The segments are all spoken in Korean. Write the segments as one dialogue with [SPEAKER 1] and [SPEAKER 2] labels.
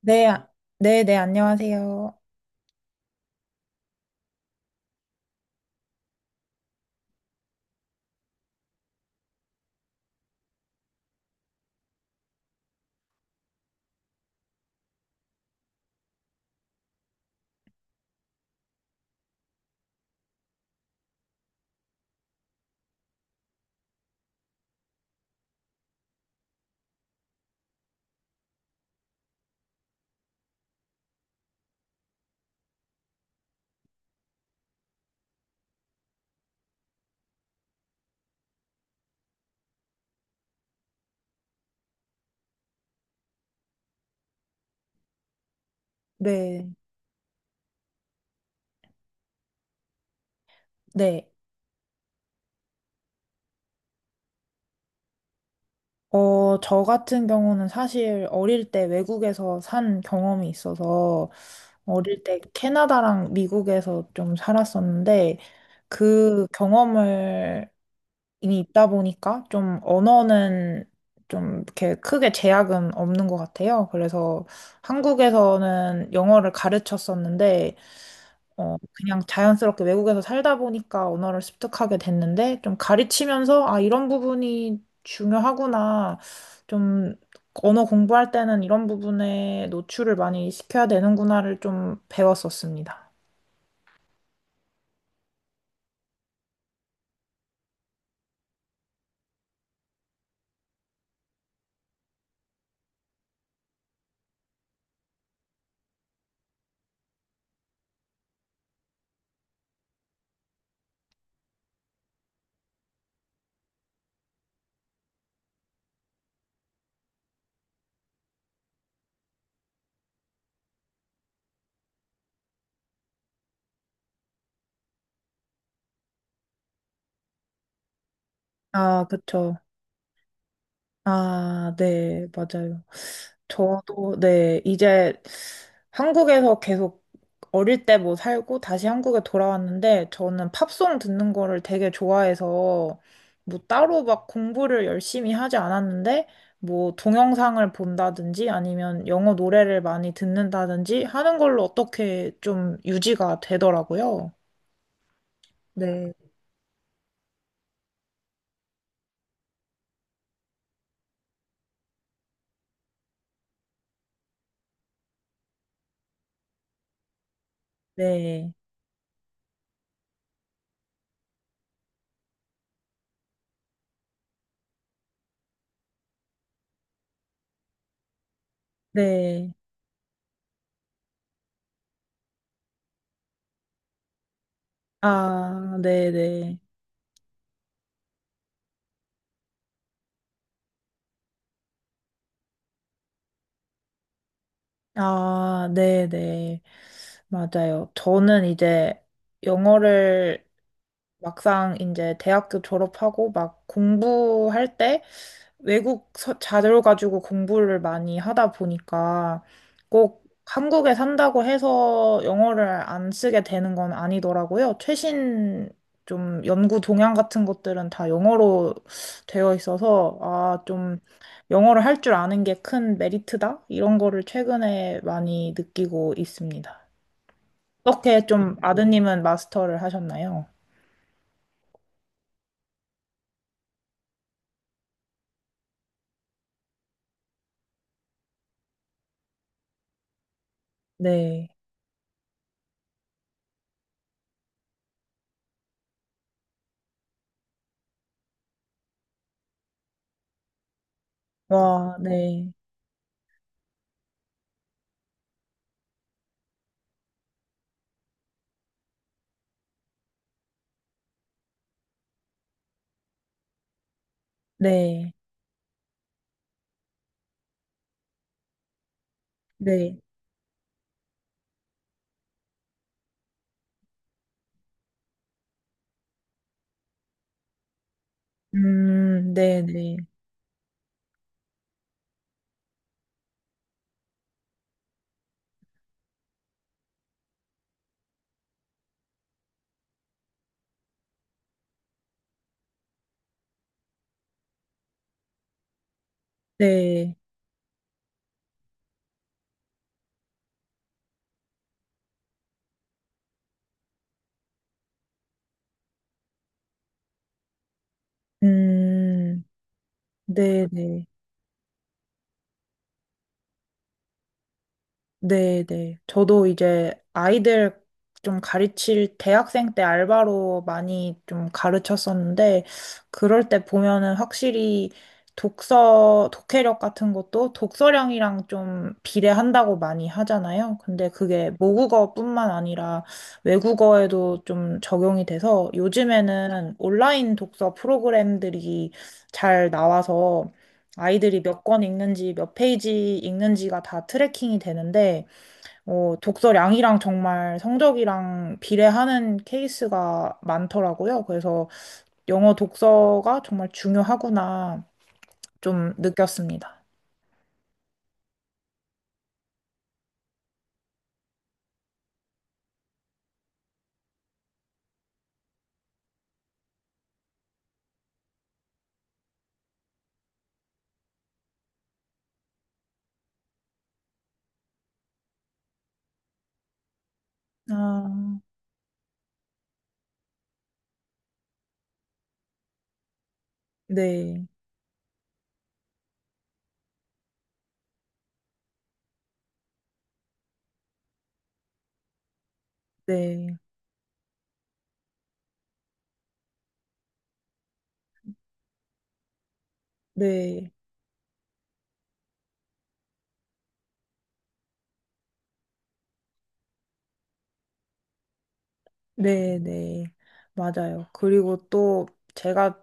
[SPEAKER 1] 네, 네, 네, 안녕하세요. 네. 네. 저 같은 경우는 사실 어릴 때 외국에서 산 경험이 있어서 어릴 때 캐나다랑 미국에서 좀 살았었는데 그 경험을 이미 있다 보니까 좀 언어는 좀 이렇게 크게 제약은 없는 것 같아요. 그래서 한국에서는 영어를 가르쳤었는데 그냥 자연스럽게 외국에서 살다 보니까 언어를 습득하게 됐는데, 좀 가르치면서, 아, 이런 부분이 중요하구나. 좀, 언어 공부할 때는 이런 부분에 노출을 많이 시켜야 되는구나를 좀 배웠었습니다. 아, 그쵸. 아, 네, 맞아요. 저도, 네, 이제 한국에서 계속 어릴 때 뭐 살고 다시 한국에 돌아왔는데 저는 팝송 듣는 거를 되게 좋아해서 뭐 따로 막 공부를 열심히 하지 않았는데 뭐 동영상을 본다든지 아니면 영어 노래를 많이 듣는다든지 하는 걸로 어떻게 좀 유지가 되더라고요. 네, 네, 네. 아, 네, 네. 아, 네네. 맞아요. 저는 이제 영어를 막상 이제 대학교 졸업하고 막 공부할 때 외국 자료 가지고 공부를 많이 하다 보니까 꼭 한국에 산다고 해서 영어를 안 쓰게 되는 건 아니더라고요. 최신 좀 연구 동향 같은 것들은 다 영어로 되어 있어서 아, 좀 영어를 할 줄 아는 게 큰 메리트다? 이런 거를 최근에 많이 느끼고 있습니다. 어떻게 좀 아드님은 마스터를 하셨나요? 네. 와, 네, 네, 네, 네, 네, 네, 음, 네, 네. 네, 네. 저도 이제 아이들 좀 가르칠 대학생 때 알바로 많이 좀 가르쳤었는데, 그럴 때 보면은 확실히 독서, 독해력 같은 것도 독서량이랑 좀 비례한다고 많이 하잖아요. 근데 그게 모국어뿐만 아니라 외국어에도 좀 적용이 돼서 요즘에는 온라인 독서 프로그램들이 잘 나와서 아이들이 몇 권 읽는지, 몇 페이지 읽는지가 다 트래킹이 되는데, 독서량이랑 정말 성적이랑 비례하는 케이스가 많더라고요. 그래서 영어 독서가 정말 중요하구나 좀 느꼈습니다. 아, 네, 네, 네. 네네. 맞아요. 그리고 또 제가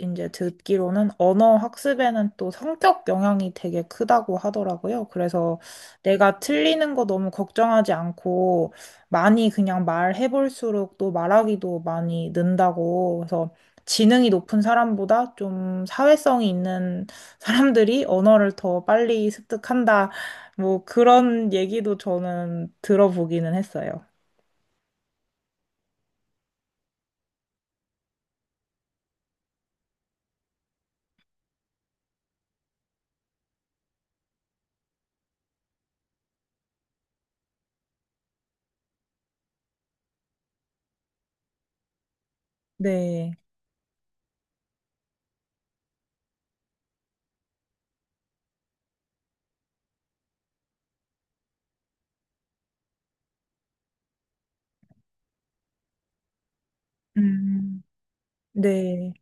[SPEAKER 1] 이제 듣기로는 언어 학습에는 또 성격 영향이 되게 크다고 하더라고요. 그래서 내가 틀리는 거 너무 걱정하지 않고 많이 그냥 말해볼수록 또 말하기도 많이 는다고. 그래서 지능이 높은 사람보다 좀 사회성이 있는 사람들이 언어를 더 빨리 습득한다. 뭐 그런 얘기도 저는 들어보기는 했어요. 네. 음. 네.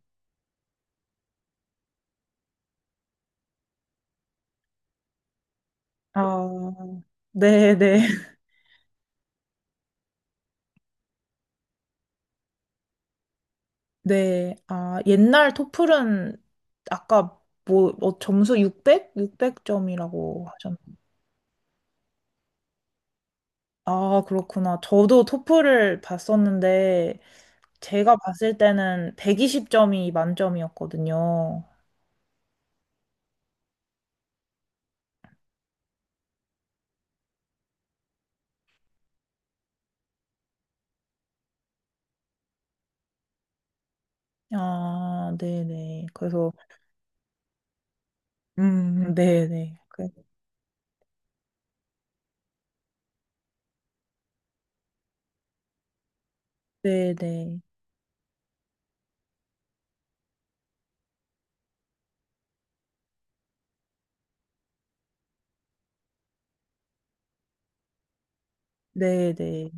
[SPEAKER 1] 아, 네, 네. 네. 아, 옛날 토플은 아까 뭐 점수 600? 600점이라고 하셨나? 아, 그렇구나. 저도 토플을 봤었는데 제가 봤을 때는 120점이 만점이었거든요. 아, 네, 네. 그래서 네, 네. 네, 네. 네, 네.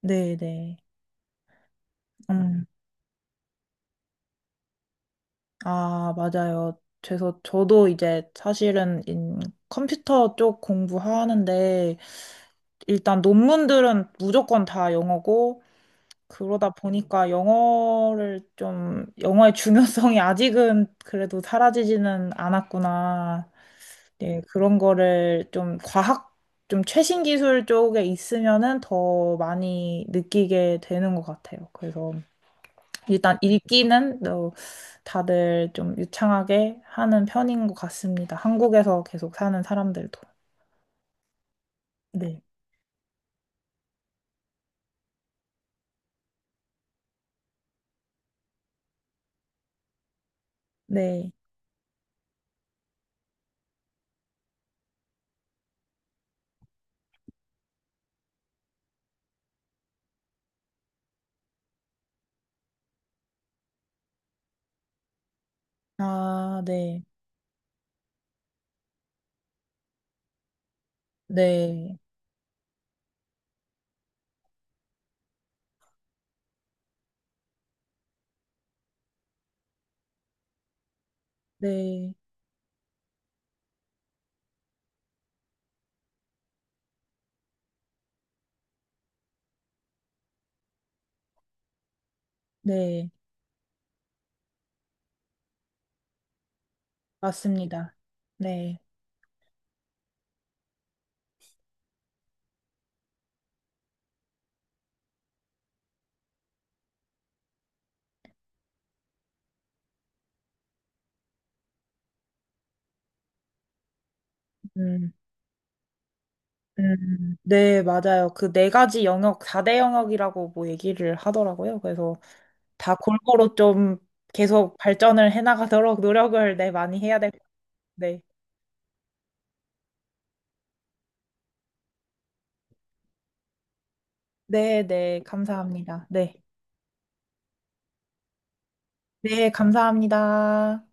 [SPEAKER 1] 네, 네. 음. 아, 맞아요. 그래서 저도 이제 사실은 컴퓨터 쪽 공부하는데 일단 논문들은 무조건 다 영어고 그러다 보니까 영어를 좀 영어의 중요성이 아직은 그래도 사라지지는 않았구나. 네, 그런 거를 좀 과학 좀 최신 기술 쪽에 있으면은 더 많이 느끼게 되는 것 같아요. 그래서 일단 읽기는 다들 좀 유창하게 하는 편인 것 같습니다. 한국에서 계속 사는 사람들도. 네. 네. 아, 네. 네. 네. 네. 맞습니다. 네. 음. 음. 네, 맞아요. 그 네 가지 영역, 4대 영역이라고 뭐 얘기를 하더라고요. 그래서 다 골고루 좀 계속 발전을 해나가도록 노력을 네, 많이 해야 될 것 같아요. 네. 네, 네. 감사합니다. 네. 네, 감사합니다.